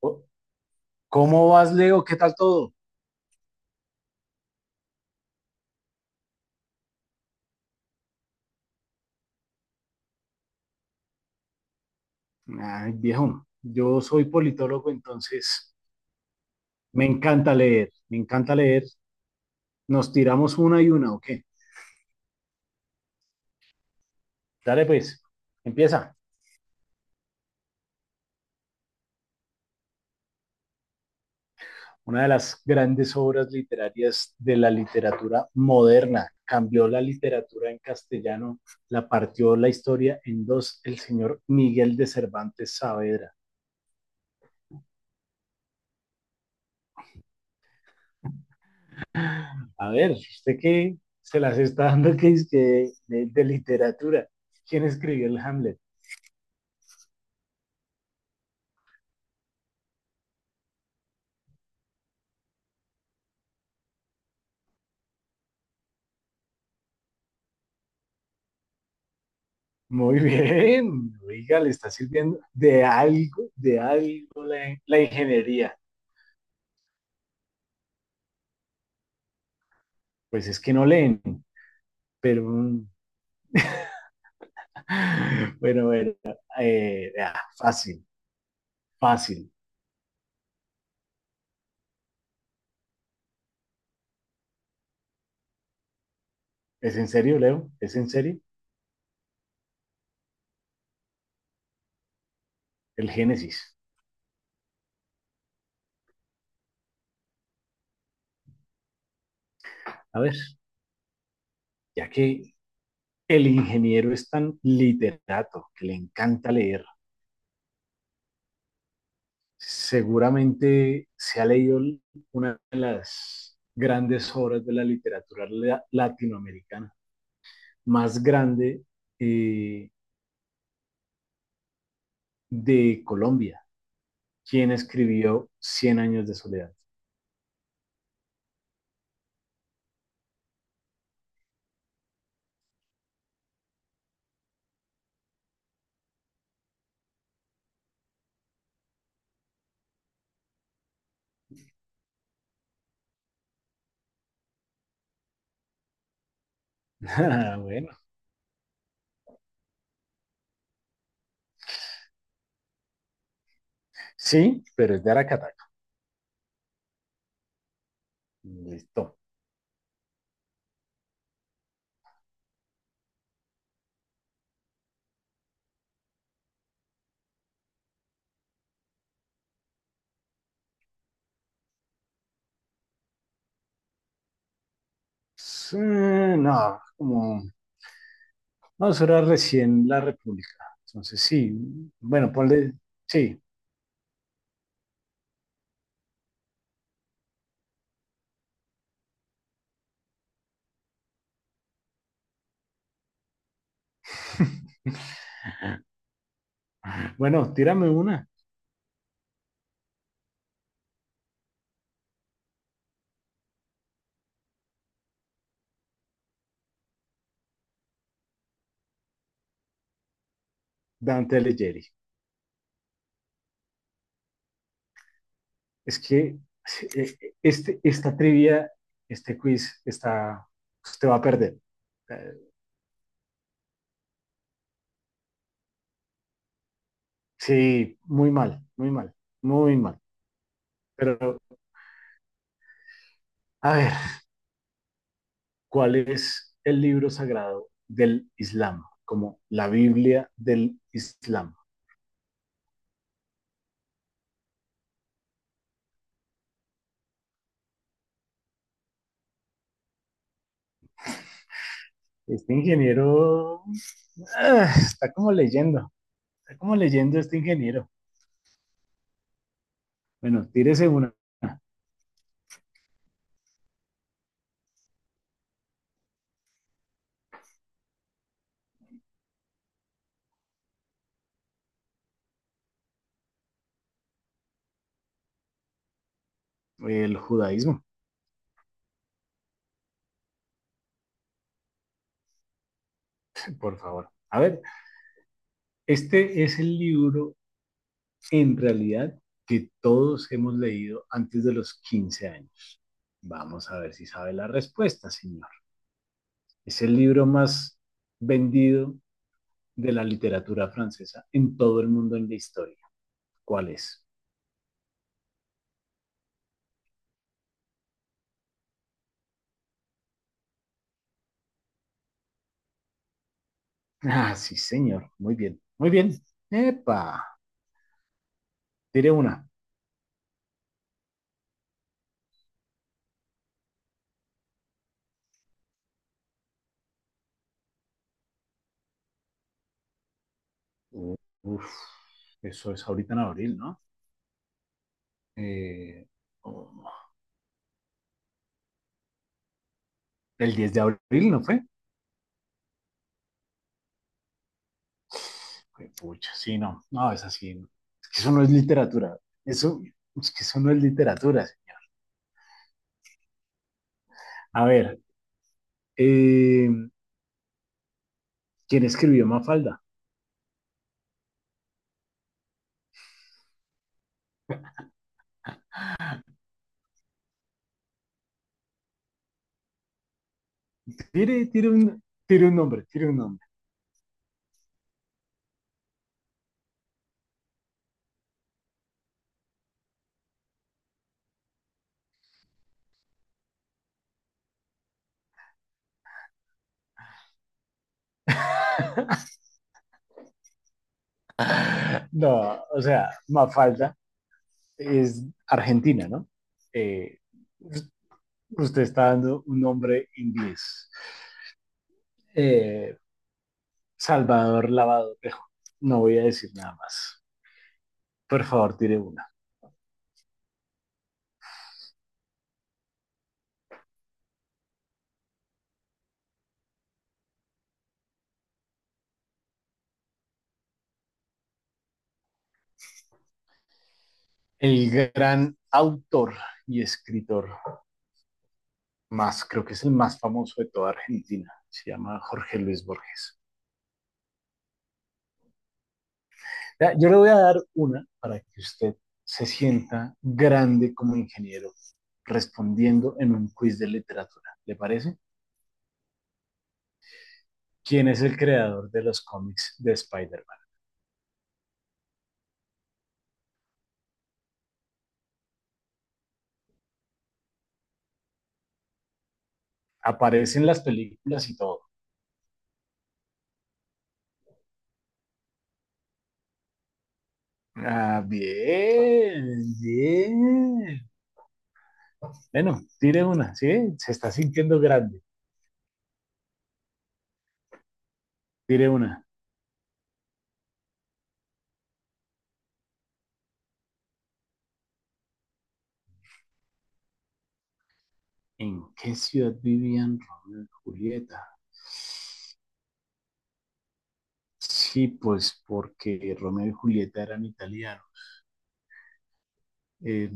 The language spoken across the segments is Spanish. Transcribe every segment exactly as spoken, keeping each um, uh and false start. O- ¿Cómo vas, Leo? ¿Qué tal todo? Ay, viejo, yo soy politólogo, entonces me encanta leer, me encanta leer. Nos tiramos una y una, ¿o qué? Dale, pues, empieza. Una de las grandes obras literarias de la literatura moderna. Cambió la literatura en castellano, la partió la historia en dos, el señor Miguel de Cervantes Saavedra. A ver, ¿usted qué se las está dando que es que de, de literatura? ¿Quién escribió el Hamlet? Muy bien, oiga, le está sirviendo de algo, de algo la, la ingeniería. Pues es que no leen, pero mm, bueno, bueno, eh, ah, fácil, fácil. ¿Es en serio, Leo? ¿Es en serio? El Génesis. A ver, ya que el ingeniero es tan literato, que le encanta leer, seguramente se ha leído una de las grandes obras de la literatura la- latinoamericana más grande eh, de Colombia, quien escribió Cien años de soledad. Bueno, sí, pero es de Aracataca. Listo. Sí, no, como, no, eso era recién la República. Entonces, sí, bueno, ponle, sí. Bueno, tírame una. Dante Alighieri. Es que eh, este, esta trivia, este quiz, está, usted va a perder. Eh, Sí, muy mal, muy mal, muy mal. Pero, a ver, ¿cuál es el libro sagrado del Islam? Como la Biblia del Islam. Este ingeniero ah, está como leyendo, está como leyendo este ingeniero. Bueno, tírese una, el judaísmo, por favor. A ver, este es el libro en realidad que todos hemos leído antes de los quince años. Vamos a ver si sabe la respuesta, señor. Es el libro más vendido de la literatura francesa en todo el mundo en la historia. ¿Cuál es? Ah, sí, señor. Muy bien, muy bien. Epa, tiré una. Uf, eso es ahorita en abril, ¿no? Eh, oh, el diez de abril, ¿no fue? Fue. Pucha, sí, no. No, es así. No. Es que eso no es literatura. Eso, es que eso no es literatura. A ver, eh, ¿quién escribió Mafalda? Tire, tire un, tire un nombre, tire un nombre. No, o sea, Mafalda es Argentina, ¿no? Eh, usted está dando un nombre inglés. Eh, Salvador Lavado Tejo. No voy a decir nada más. Por favor, tire una. El gran autor y escritor más, creo que es el más famoso de toda Argentina, se llama Jorge Luis Borges. Yo le voy a dar una para que usted se sienta grande como ingeniero respondiendo en un quiz de literatura. ¿Le parece? ¿Quién es el creador de los cómics de Spider-Man? Aparece en las películas y todo. Ah, bien, bien. Bueno, tire una, ¿sí? Se está sintiendo grande. Tire una. ¿En qué ciudad vivían Romeo y Julieta? Sí, pues porque Romeo y Julieta eran italianos. Eh,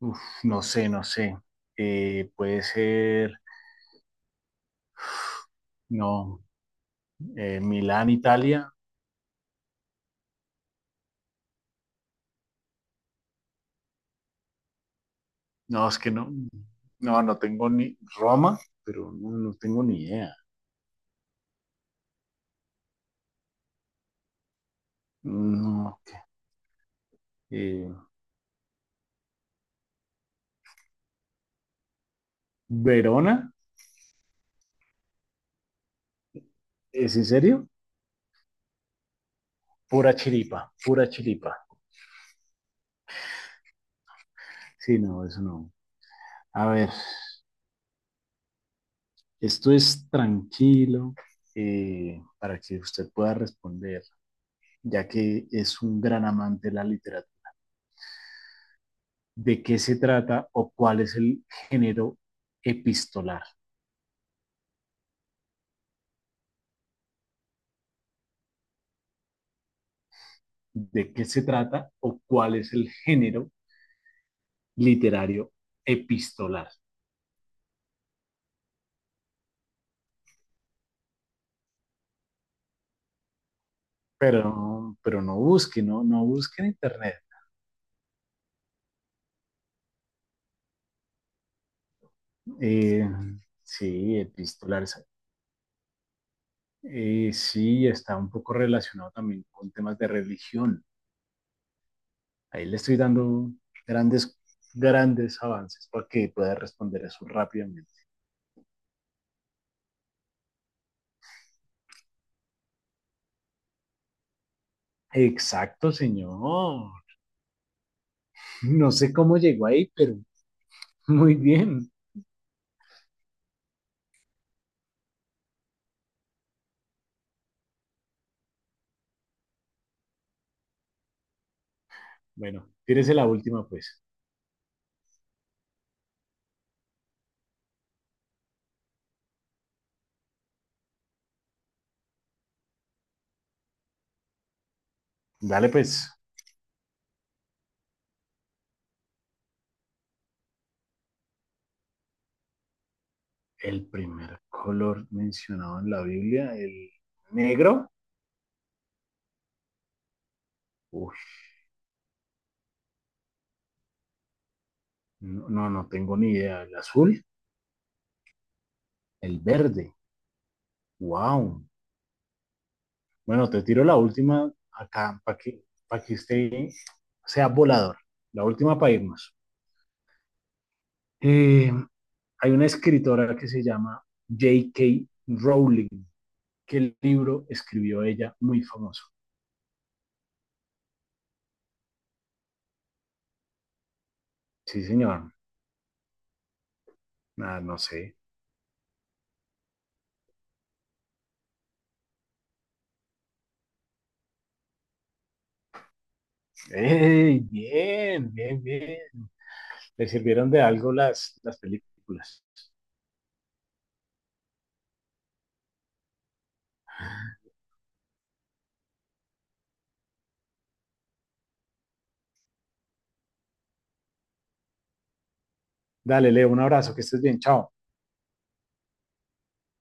uf, no sé, no sé. Eh, puede ser, no, eh, Milán, Italia. No, es que no, no, no tengo ni Roma, pero no, no tengo ni idea. No, ok. Eh, Verona, ¿es en serio? Pura chiripa, pura chiripa. Sí, no, eso no. A ver, esto es tranquilo eh, para que usted pueda responder, ya que es un gran amante de la literatura. ¿De qué se trata o cuál es el género epistolar? ¿De qué se trata o cuál es el género literario epistolar? Pero, pero no busque, no, no busque en internet. Eh, sí, epistolar. Eh, sí, está un poco relacionado también con temas de religión. Ahí le estoy dando grandes, grandes avances para que pueda responder eso rápidamente. Exacto, señor. No sé cómo llegó ahí, pero muy bien. Bueno, tírese la última, pues. Dale, pues. El primer color mencionado en la Biblia, el negro. Uy, no, no, no tengo ni idea. El azul, el verde. Wow. Bueno, te tiro la última acá para que, para que usted sea volador. La última para irnos. Eh, hay una escritora que se llama J K. Rowling. ¿Qué libro escribió ella muy famoso? Sí, señor. Ah, no sé. ¡Ey! Bien, bien, bien. Le sirvieron de algo las, las películas. Dale, Leo, un abrazo, que estés bien, chao.